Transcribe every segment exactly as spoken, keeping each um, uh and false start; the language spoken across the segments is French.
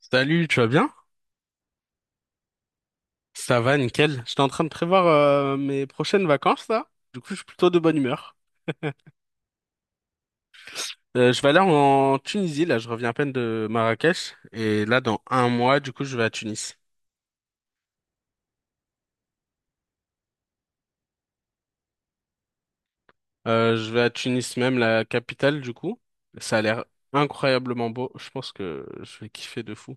Salut, tu vas bien? Ça va, nickel. J'étais en train de prévoir euh, mes prochaines vacances là. Du coup, je suis plutôt de bonne humeur. Euh, je vais aller en Tunisie là. Je reviens à peine de Marrakech et là, dans un mois, du coup, je vais à Tunis. Euh, je vais à Tunis même, la capitale du coup. Ça a l'air incroyablement beau. Je pense que je vais kiffer de fou.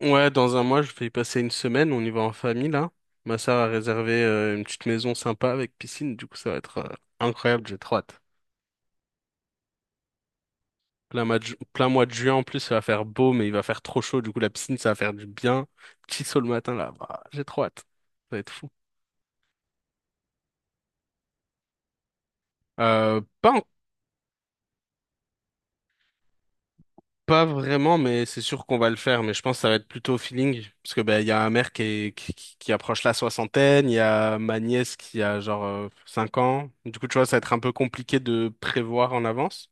Ouais, dans un mois, je vais y passer une semaine. On y va en famille là. Ma sœur a réservé euh, une petite maison sympa avec piscine. Du coup, ça va être euh, incroyable. J'ai trop hâte. Plein mois de, ju- plein mois de juin en plus, ça va faire beau, mais il va faire trop chaud. Du coup, la piscine, ça va faire du bien. Petit saut le matin, là, bah, j'ai trop hâte. Ça va être fou. Euh, pas, en- Pas vraiment, mais c'est sûr qu'on va le faire. Mais je pense que ça va être plutôt au feeling. Parce que ben, il y a ma mère qui, est- qui, qui- qui approche la soixantaine, il y a ma nièce qui a genre euh, cinq ans. Du coup, tu vois, ça va être un peu compliqué de prévoir en avance.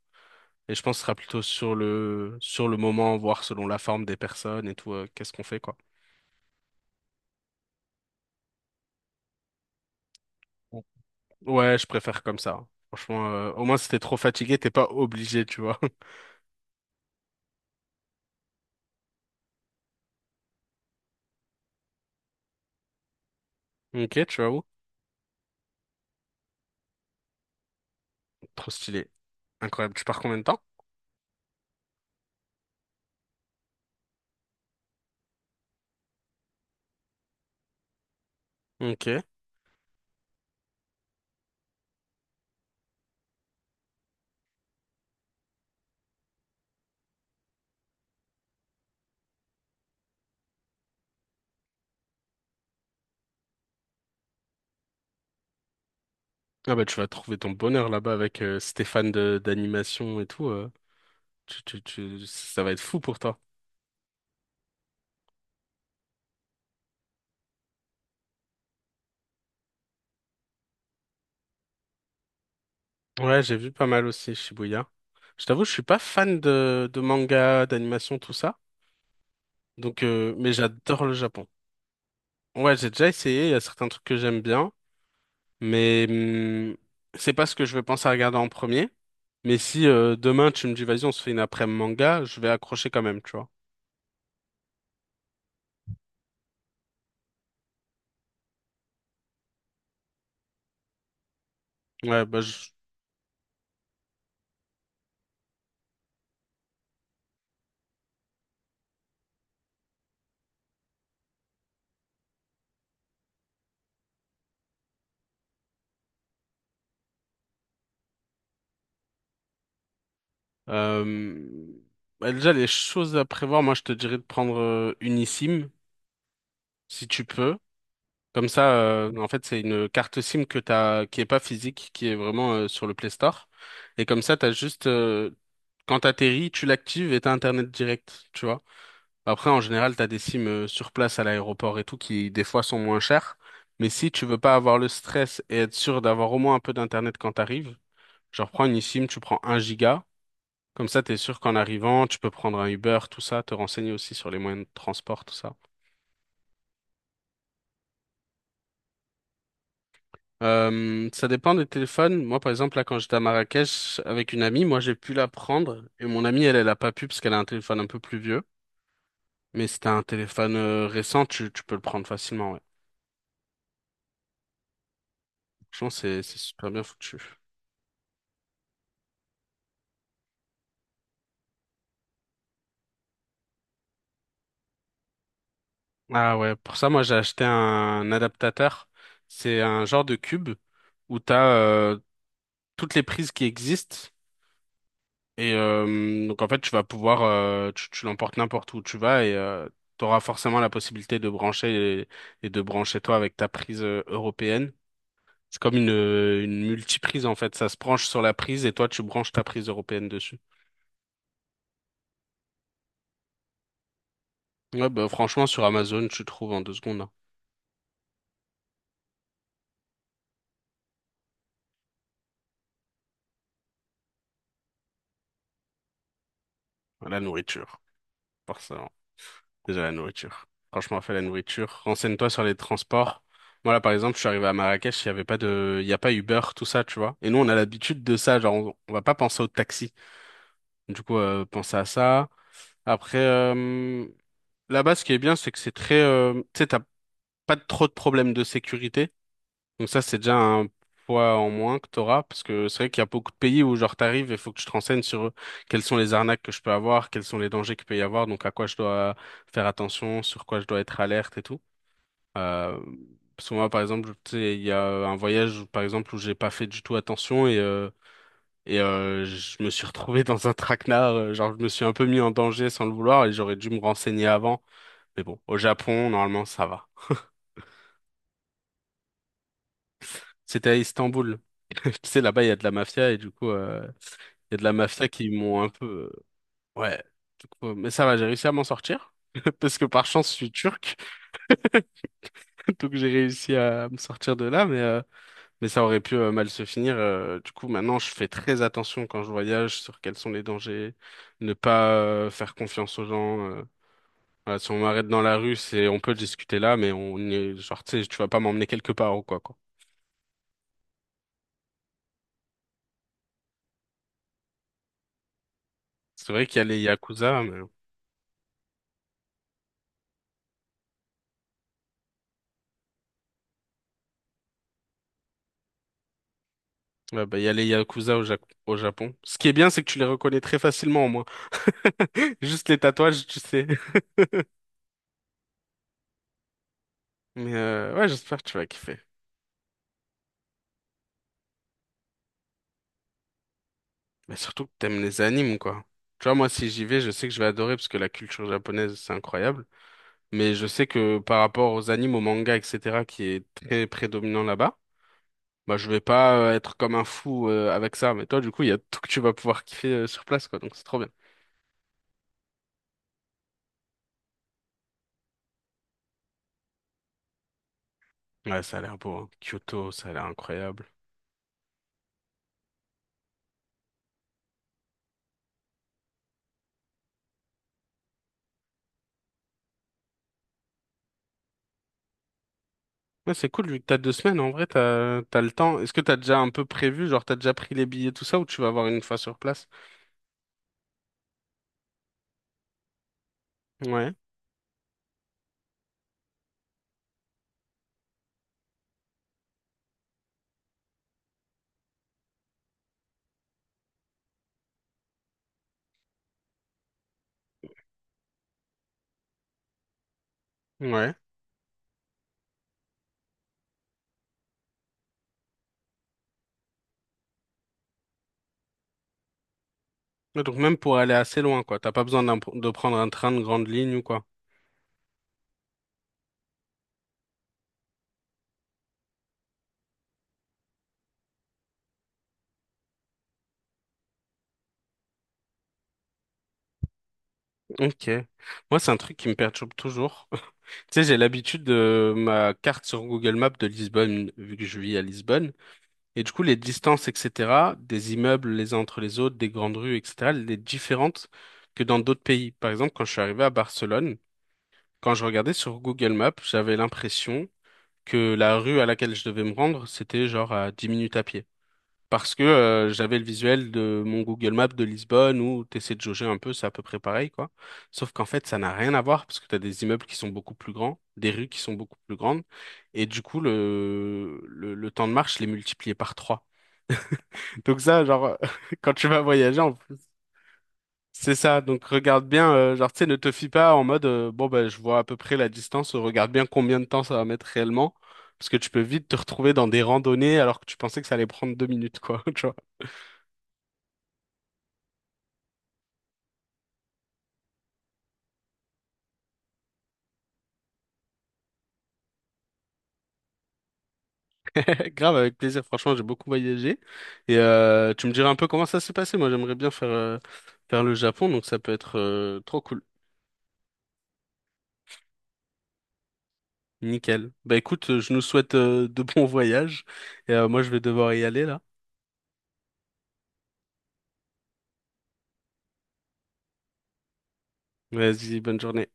Et je pense que ce sera plutôt sur le, sur le moment, voir selon la forme des personnes et tout, euh, qu'est-ce qu'on fait, quoi. Ouais, je préfère comme ça. Franchement, euh, au moins si t'es trop fatigué, t'es pas obligé, tu vois. Ok, tu vas où? Trop stylé. Incroyable. Tu pars combien de temps? Ok. Ah bah tu vas trouver ton bonheur là-bas avec euh, Stéphane de d'animation et tout. euh. Tu, tu, tu, ça va être fou pour toi. Ouais, j'ai vu pas mal aussi Shibuya. Je t'avoue, je suis pas fan de, de manga, d'animation, tout ça. Donc, euh, mais j'adore le Japon. Ouais, j'ai déjà essayé. Il y a certains trucs que j'aime bien, mais hum, c'est pas ce que je vais penser à regarder en premier. Mais si euh, demain tu me dis vas-y on se fait une après-midi manga, je vais accrocher quand même, tu vois. Ouais, bah je... euh, bah, déjà les choses à prévoir, moi je te dirais de prendre euh, une eSIM si tu peux. Comme ça, euh, en fait c'est une carte SIM que t'as, qui est pas physique, qui est vraiment euh, sur le Play Store. Et comme ça t'as juste, euh, quand t'atterris, tu l'actives et t'as Internet direct, tu vois. Après, en général, t'as des sims euh, sur place à l'aéroport et tout qui, des fois, sont moins chers. Mais si tu veux pas avoir le stress et être sûr d'avoir au moins un peu d'internet quand t'arrives, genre prends une eSIM, tu prends un giga. Comme ça, t'es sûr qu'en arrivant, tu peux prendre un Uber, tout ça, te renseigner aussi sur les moyens de transport, tout ça. Euh, ça dépend des téléphones. Moi, par exemple, là, quand j'étais à Marrakech avec une amie, moi, j'ai pu la prendre et mon amie, elle, elle a pas pu parce qu'elle a un téléphone un peu plus vieux. Mais si t'as un téléphone euh, récent, tu, tu peux le prendre facilement, ouais. Franchement, c'est, c'est super bien foutu. Ah ouais, pour ça, moi j'ai acheté un adaptateur. C'est un genre de cube où t'as as euh, toutes les prises qui existent. Et euh, donc en fait, tu vas pouvoir, euh, tu, tu l'emportes n'importe où tu vas et euh, tu auras forcément la possibilité de brancher et, et de brancher toi avec ta prise euh, européenne. C'est comme une, euh, une multiprise en fait. Ça se branche sur la prise et toi, tu branches ta prise européenne dessus. Ouais, bah, franchement, sur Amazon, tu trouves en deux secondes hein. La nourriture, forcément. Déjà la nourriture. Franchement, fais la nourriture. Renseigne-toi sur les transports. Moi, là, par exemple, je suis arrivé à Marrakech, il y avait pas de, il y a pas Uber, tout ça, tu vois. Et nous, on a l'habitude de ça, genre, on, on va pas penser au taxi. Du coup, euh, pense à ça. Après, euh, là-bas, ce qui est bien, c'est que c'est très, euh, tu sais, t'as pas trop de problèmes de sécurité. Donc ça, c'est déjà un poids en moins que t'auras, parce que c'est vrai qu'il y a beaucoup de pays où, genre, t'arrives et faut que tu te renseignes sur euh, quelles sont les arnaques que je peux avoir, quels sont les dangers qu'il peut y avoir, donc à quoi je dois faire attention, sur quoi je dois être alerte et tout. Euh, Parce que moi, par exemple, tu sais, il y a un voyage, par exemple, où j'ai pas fait du tout attention et, euh, et euh, je me suis retrouvé dans un traquenard. euh, Genre, je me suis un peu mis en danger sans le vouloir et j'aurais dû me renseigner avant. Mais bon, au Japon, normalement, ça va. C'était à Istanbul. Tu sais, là-bas, il y a de la mafia et du coup, euh, il y a de la mafia qui m'ont un peu... euh, Ouais. Du coup, euh, mais ça va, j'ai réussi à m'en sortir. Parce que par chance, je suis turc. Donc, j'ai réussi à me sortir de là. Mais... euh, Mais ça aurait pu euh, mal se finir. Euh, du coup, maintenant, je fais très attention quand je voyage sur quels sont les dangers, ne pas euh, faire confiance aux gens. euh. Voilà, si on m'arrête dans la rue, c'est on peut discuter là, mais on est genre, tu sais, tu vas pas m'emmener quelque part ou quoi, quoi. C'est vrai qu'il y a les yakuza, mais ouais, bah, il y a les yakuza au, Ja- au Japon. Ce qui est bien, c'est que tu les reconnais très facilement, au moins. Juste les tatouages, tu sais. Mais euh, ouais, j'espère que tu vas kiffer. Mais surtout que t'aimes les animes, quoi. Tu vois, moi, si j'y vais, je sais que je vais adorer parce que la culture japonaise, c'est incroyable. Mais je sais que par rapport aux animes, aux mangas, et cetera, qui est très prédominant là-bas, bah je vais pas euh, être comme un fou euh, avec ça. Mais toi, du coup, il y a tout que tu vas pouvoir kiffer euh, sur place, quoi. Donc c'est trop bien. Ouais, ça a l'air beau, hein. Kyoto, ça a l'air incroyable. Ouais, c'est cool, vu que t'as deux semaines, en vrai, t'as, t'as le temps. Est-ce que t'as déjà un peu prévu, genre t'as déjà pris les billets, tout ça, ou tu vas avoir une fois sur place? Ouais, ouais. Ouais, donc même pour aller assez loin, quoi. T'as pas besoin d'un- de prendre un train de grande ligne ou quoi. Ok. Moi, c'est un truc qui me perturbe toujours. Tu sais, j'ai l'habitude de ma carte sur Google Maps de Lisbonne, vu que je vis à Lisbonne. Et du coup, les distances, et cetera, des immeubles les uns entre les autres, des grandes rues, et cetera, elles sont différentes que dans d'autres pays. Par exemple, quand je suis arrivé à Barcelone, quand je regardais sur Google Maps, j'avais l'impression que la rue à laquelle je devais me rendre, c'était genre à dix minutes à pied parce que euh, j'avais le visuel de mon Google Maps de Lisbonne où t'essaies de jauger un peu, c'est à peu près pareil, quoi. Sauf qu'en fait, ça n'a rien à voir parce que t'as des immeubles qui sont beaucoup plus grands, des rues qui sont beaucoup plus grandes, et du coup, le, le, le temps de marche, je l'ai multiplié par trois. Donc ça, genre, quand tu vas voyager, en plus, c'est ça. Donc regarde bien, euh, genre, tu sais, ne te fie pas en mode, euh, bon, ben, je vois à peu près la distance, regarde bien combien de temps ça va mettre réellement. Parce que tu peux vite te retrouver dans des randonnées alors que tu pensais que ça allait prendre deux minutes, quoi. Tu vois. Grave, avec plaisir. Franchement, j'ai beaucoup voyagé. Et euh, tu me diras un peu comment ça s'est passé. Moi, j'aimerais bien faire, euh, faire le Japon, donc ça peut être euh, trop cool. Nickel. Bah écoute, euh, je nous souhaite euh, de bons voyages. Et euh, moi, je vais devoir y aller là. Vas-y, bonne journée.